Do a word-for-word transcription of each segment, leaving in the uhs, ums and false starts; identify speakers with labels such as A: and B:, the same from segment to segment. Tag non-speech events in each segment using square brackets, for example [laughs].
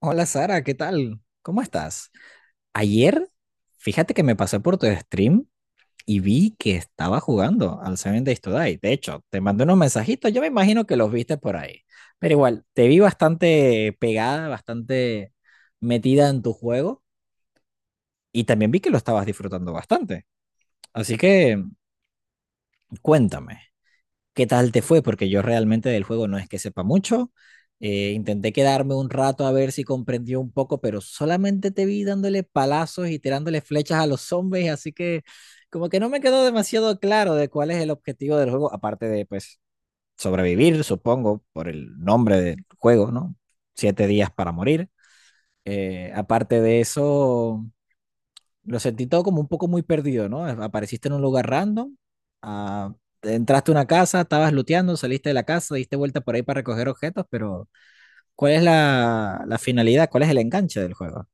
A: Hola Sara, ¿qué tal? ¿Cómo estás? Ayer, fíjate que me pasé por tu stream y vi que estaba jugando al Seven Days to Die. De hecho, te mandé unos mensajitos, yo me imagino que los viste por ahí. Pero igual, te vi bastante pegada, bastante metida en tu juego y también vi que lo estabas disfrutando bastante. Así que cuéntame. Qué tal te fue, porque yo realmente del juego no es que sepa mucho. Eh, intenté quedarme un rato a ver si comprendió un poco, pero solamente te vi dándole palazos y tirándole flechas a los zombies, así que como que no me quedó demasiado claro de cuál es el objetivo del juego, aparte de pues sobrevivir, supongo, por el nombre del juego, ¿no? Siete días para morir. Eh, aparte de eso, lo sentí todo como un poco muy perdido, ¿no? Apareciste en un lugar random, ah, entraste a una casa, estabas looteando, saliste de la casa, diste vuelta por ahí para recoger objetos, pero ¿cuál es la, la finalidad? ¿Cuál es el enganche del juego?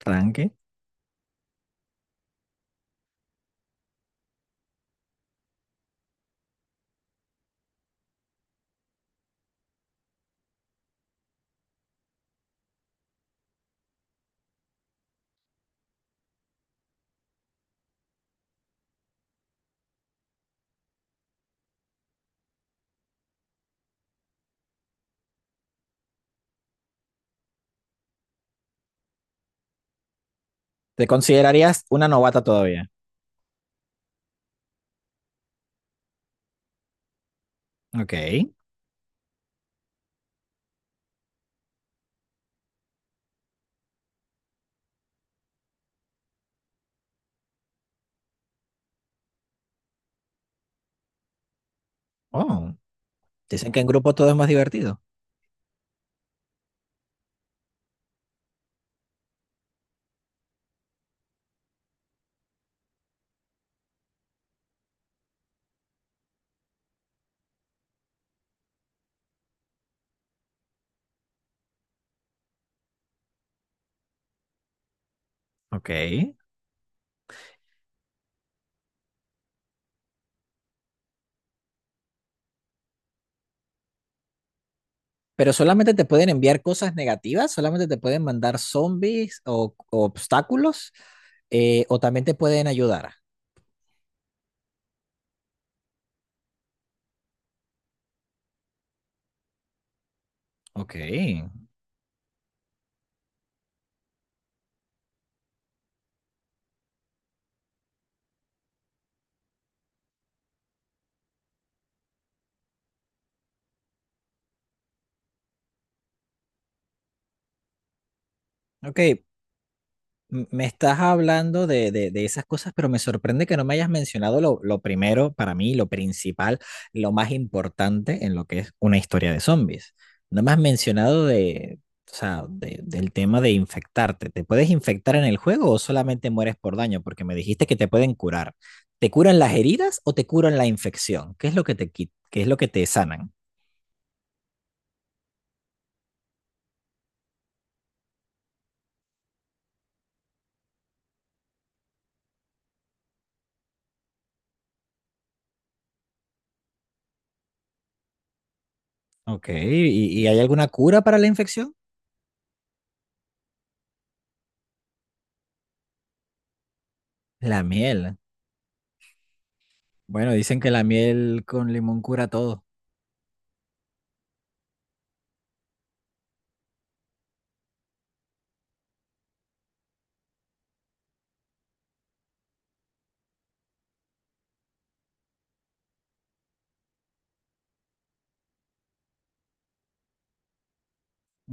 A: Tranqui. ¿Te considerarías una novata todavía? Ok. Oh, dicen que en grupo todo es más divertido. Ok. Pero solamente te pueden enviar cosas negativas, solamente te pueden mandar zombies o, o obstáculos, eh, o también te pueden ayudar. Ok. Ok, m- me estás hablando de, de- de esas cosas, pero me sorprende que no me hayas mencionado lo, lo primero, para mí, lo principal, lo más importante en lo que es una historia de zombies. No me has mencionado de, o sea, de- del tema de infectarte. ¿Te puedes infectar en el juego o solamente mueres por daño? Porque me dijiste que te pueden curar. ¿Te curan las heridas o te curan la infección? ¿Qué es lo que te, qui- qué es lo que te sanan? Ok, ¿y, y hay alguna cura para la infección? La miel. Bueno, dicen que la miel con limón cura todo.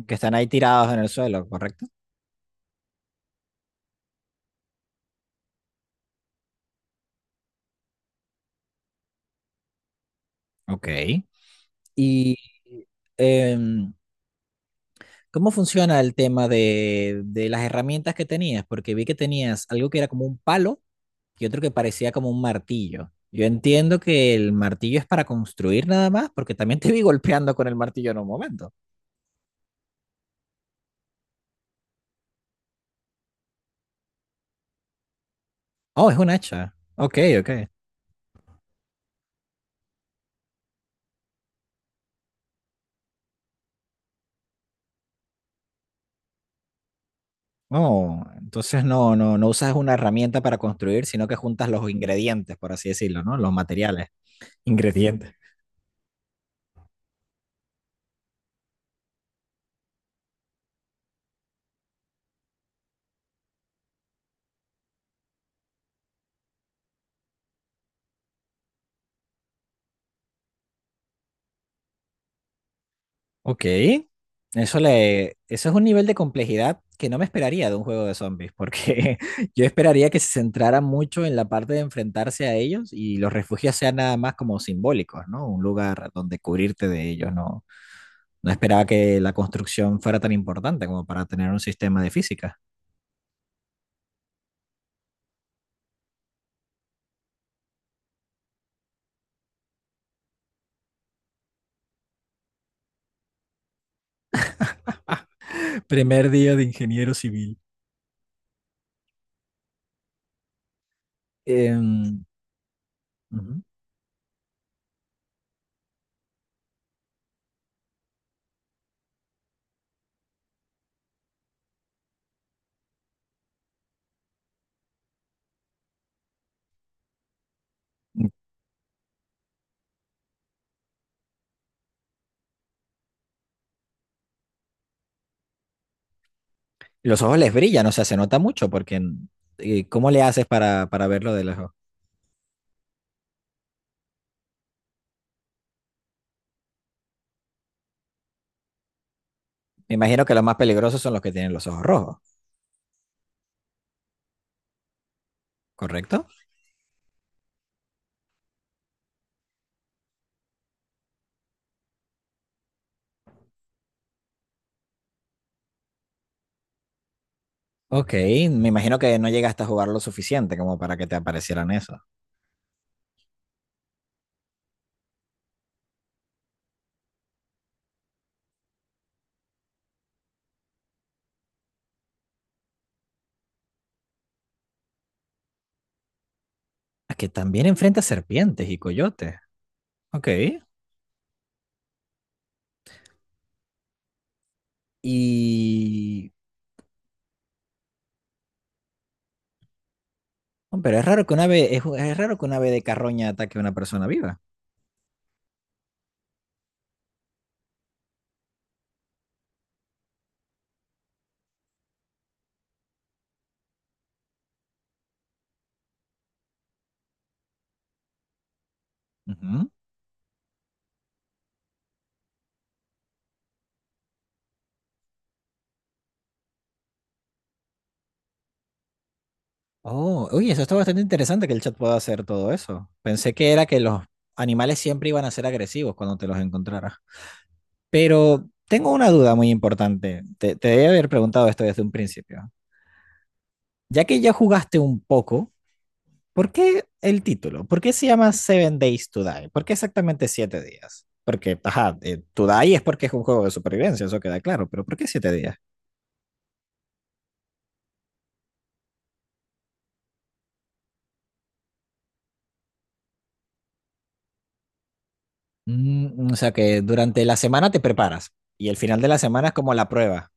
A: ¿Que están ahí tirados en el suelo, correcto? Ok. Y em, ¿cómo funciona el tema de, de las herramientas que tenías? Porque vi que tenías algo que era como un palo y otro que parecía como un martillo. Yo entiendo que el martillo es para construir nada más, porque también [laughs] te vi golpeando con el martillo en un momento. Oh, es un hacha. Ok, ok. Oh, entonces no, no, no usas una herramienta para construir, sino que juntas los ingredientes, por así decirlo, ¿no? Los materiales. Ingredientes. Ok. Eso le, eso es un nivel de complejidad que no me esperaría de un juego de zombies, porque [laughs] yo esperaría que se centrara mucho en la parte de enfrentarse a ellos y los refugios sean nada más como simbólicos, ¿no? Un lugar donde cubrirte de ellos, ¿no? No esperaba que la construcción fuera tan importante como para tener un sistema de física. [laughs] Primer día de ingeniero civil. Em, ujú. Los ojos les brillan, o sea, se nota mucho porque eh, ¿cómo le haces para, para verlo de lejos? Me imagino que los más peligrosos son los que tienen los ojos rojos, ¿correcto? Ok, me imagino que no llegaste a jugar lo suficiente como para que te aparecieran eso. Ah, que también enfrenta serpientes y coyotes. Ok. Y... oh, pero es raro que una ave, es, es raro que una ave de carroña ataque a una persona viva. Ujú. Oh, uy, eso está bastante interesante que el chat pueda hacer todo eso. Pensé que era que los animales siempre iban a ser agresivos cuando te los encontraras. Pero tengo una duda muy importante. Te, te debí haber preguntado esto desde un principio. Ya que ya jugaste un poco, ¿por qué el título? ¿Por qué se llama Seven Days to Die? ¿Por qué exactamente siete días? Porque, ajá, eh, to Die es porque es un juego de supervivencia, eso queda claro, pero ¿por qué siete días? Mm, o sea que durante la semana te preparas y el final de la semana es como la prueba.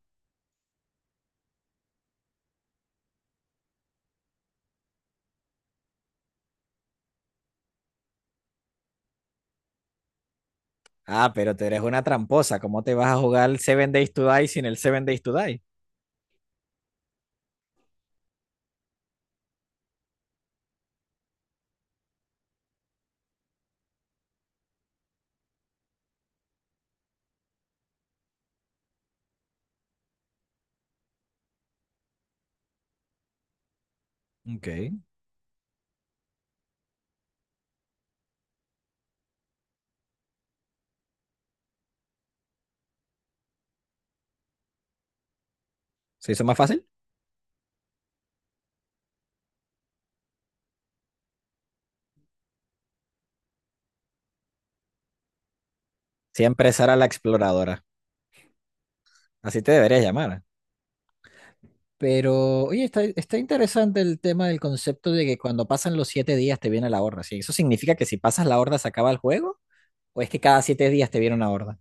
A: Ah, pero te eres una tramposa, ¿cómo te vas a jugar el Seven Days to Die sin el Seven Days to Die? Ok, ¿se hizo más fácil? Siempre será la exploradora, así te deberías llamar. Pero, oye, está, está interesante el tema del concepto de que cuando pasan los siete días te viene la horda. ¿Sí? ¿Eso significa que si pasas la horda se acaba el juego? ¿O es que cada siete días te viene una horda?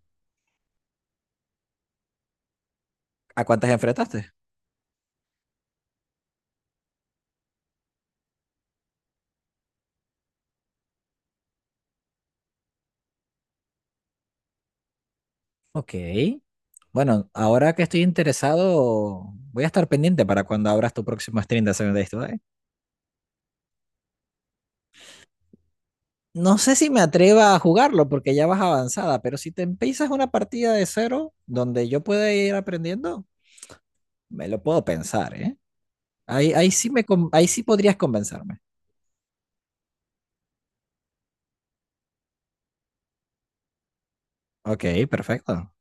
A: ¿A cuántas enfrentaste? Ok. Bueno, ahora que estoy interesado, voy a estar pendiente para cuando abras tu próximo stream de Seven Days to Die. No sé si me atreva a jugarlo porque ya vas avanzada, pero si te empiezas una partida de cero donde yo pueda ir aprendiendo, me lo puedo pensar, ¿eh? Ahí, ahí sí me, con- ahí sí podrías convencerme. Ok, perfecto.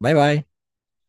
A: Bye bye.